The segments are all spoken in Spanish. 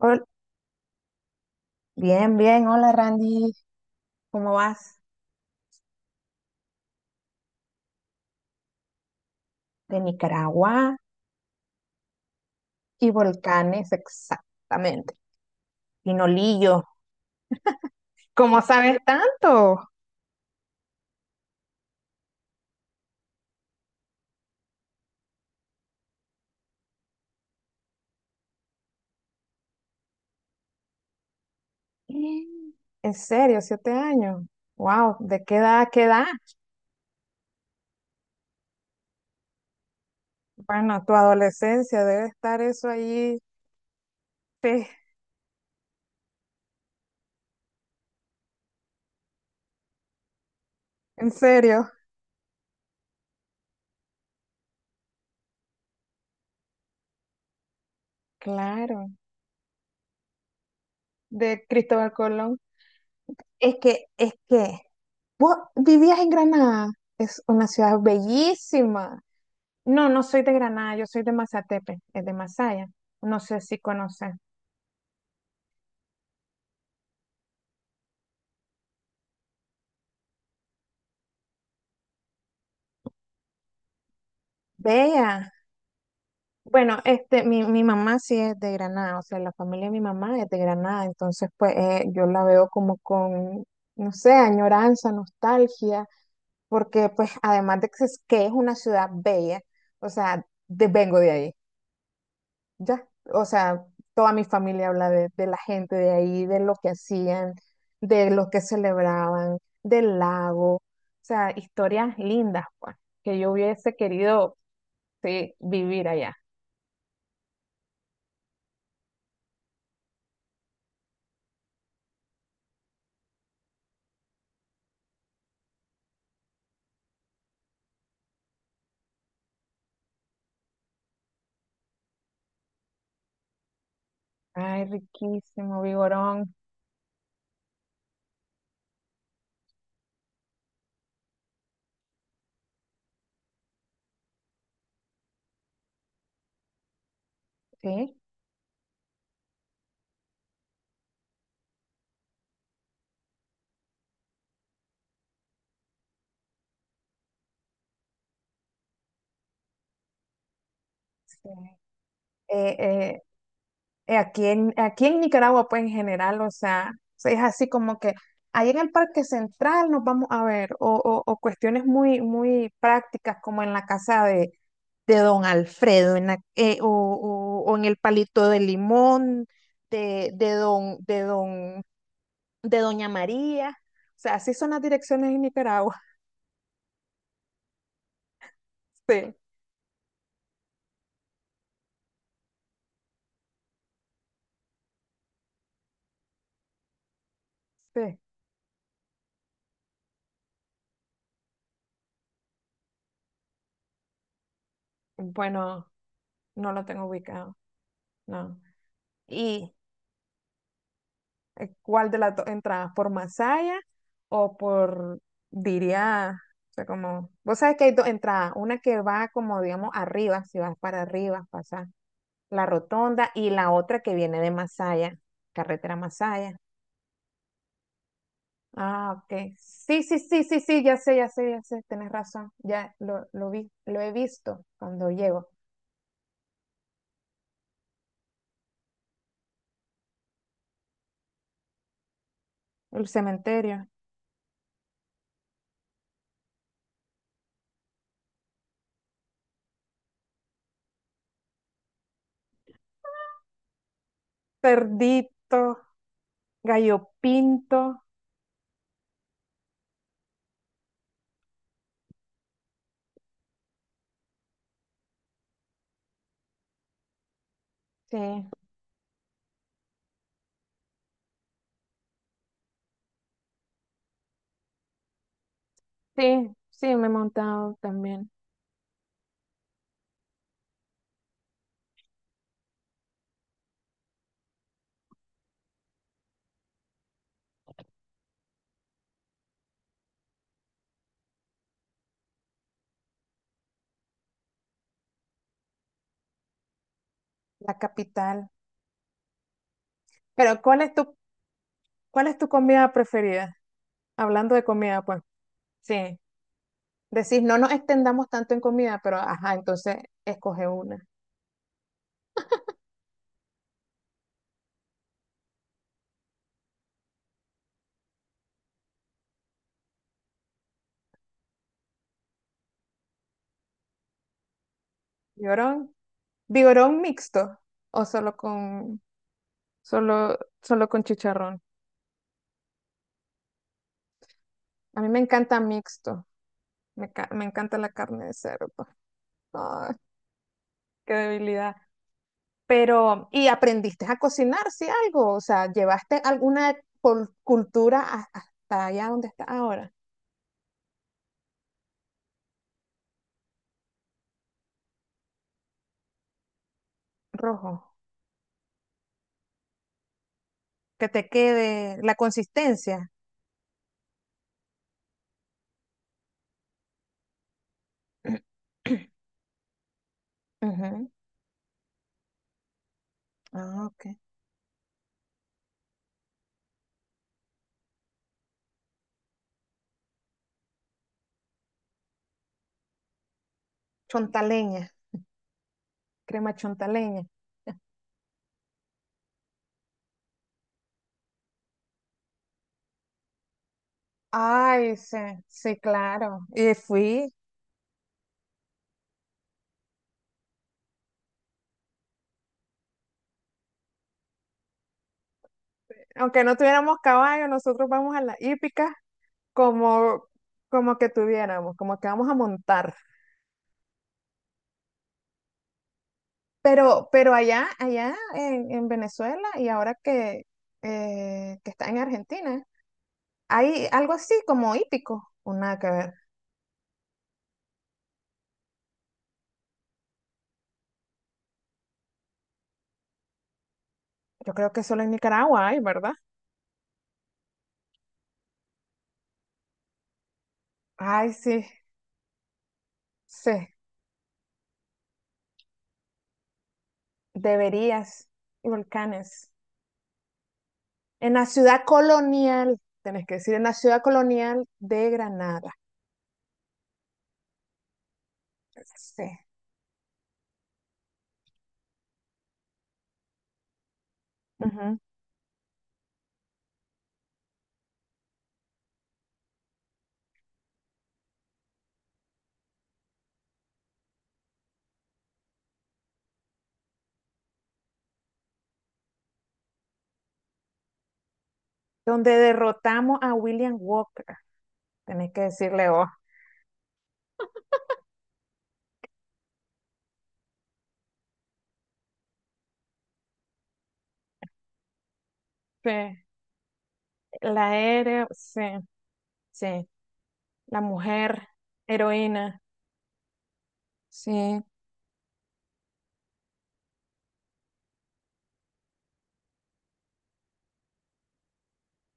Hol- Bien, bien. Hola, Randy. ¿Cómo vas? De Nicaragua y volcanes, exactamente. Pinolillo. ¿Cómo sabes tanto? Mm. En serio, 7 años. Wow, ¿de qué edad a qué edad? Bueno, tu adolescencia debe estar eso ahí. Sí, en serio. Claro, de Cristóbal Colón. Es que, vos vivías en Granada. Es una ciudad bellísima. No, no soy de Granada, yo soy de Mazatepe, es de Masaya. No sé si conoces. Vea. Bueno, este, mi mamá sí es de Granada, o sea, la familia de mi mamá es de Granada, entonces pues yo la veo como con, no sé, añoranza, nostalgia, porque pues además de que es una ciudad bella, o sea, vengo de ahí. Ya, o sea, toda mi familia habla de la gente de ahí, de lo que hacían, de lo que celebraban, del lago, o sea, historias lindas, pues, que yo hubiese querido, sí, vivir allá. Ay, riquísimo, vigorón, sí. Sí. Eh, eh, aquí en, aquí en Nicaragua, pues, en general, o sea, es así como que ahí en el Parque Central nos vamos a ver, o, o cuestiones muy, muy prácticas, como en la casa de Don Alfredo o, o en el palito de limón, de de Doña María. O sea, así son las direcciones en Nicaragua. Sí, sí. Bueno, no lo tengo ubicado, no. ¿Y cuál de las dos entradas? ¿Por Masaya o por, diría, o sea, como, vos sabés que hay dos entradas, una que va como, digamos, arriba, si vas para arriba, pasas La Rotonda y la otra que viene de Masaya, carretera Masaya. Ah, ok. Sí, sí, sí, sí, sí, ya sé, ya sé, ya sé, tenés razón. Ya lo vi, lo he visto cuando llego. El cementerio. Cerdito, gallo pinto. Sí, sí, sí, me he montado también. La capital. Pero cuál es tu comida preferida? Hablando de comida, pues. Sí. Decís, no nos extendamos tanto en comida, pero ajá, entonces escoge una. Llorón. Vigorón mixto o solo con solo con chicharrón. A mí me encanta mixto. Me encanta la carne de cerdo. Ay, qué debilidad. Pero, ¿y aprendiste a cocinar, sí, algo? O sea, ¿llevaste alguna cultura hasta allá donde está ahora? Rojo. Que te quede la consistencia. Ujú. Ah, ok. Chontaleña, crema chontaleña. Ay, sí, sí, claro. Y fui, aunque no tuviéramos caballo, nosotros vamos a la hípica como, como que tuviéramos, como que vamos a montar. Pero allá, allá en Venezuela y ahora que está en Argentina, hay algo así como hípico, o nada que ver. Yo creo que solo en Nicaragua hay, ¿verdad? Ay, sí, sí, deberías, y volcanes. En la ciudad colonial, tenés que decir, en la ciudad colonial de Granada. Sí. Donde derrotamos a William Walker. Tenés que decirle, oh, sí. La héroe, sí, sí. La mujer heroína, sí.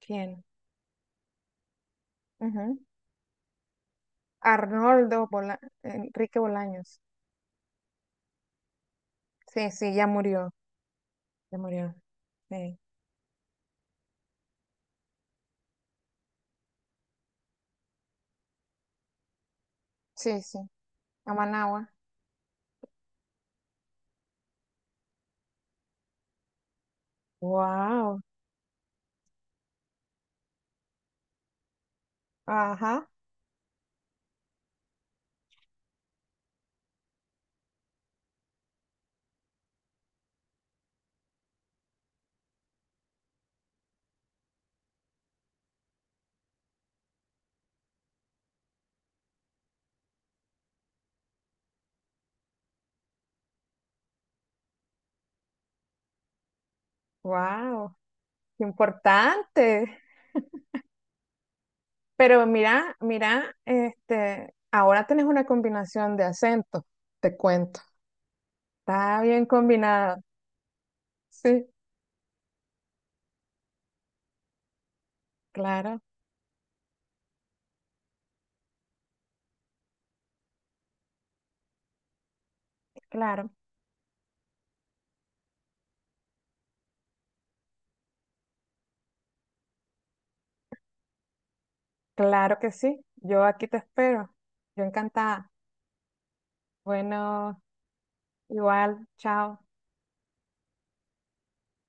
¿Quién? Ujú. Enrique Bolaños. Sí, sí, ya murió, ya murió. Sí, sí, sí. A Managua. Wow, ajá, wow, importante. Pero mira, mira, este, ahora tenés una combinación de acentos, te cuento. Está bien combinado. Sí, claro, claro, claro que sí. Yo aquí te espero. Yo encantada. Bueno, igual, chao.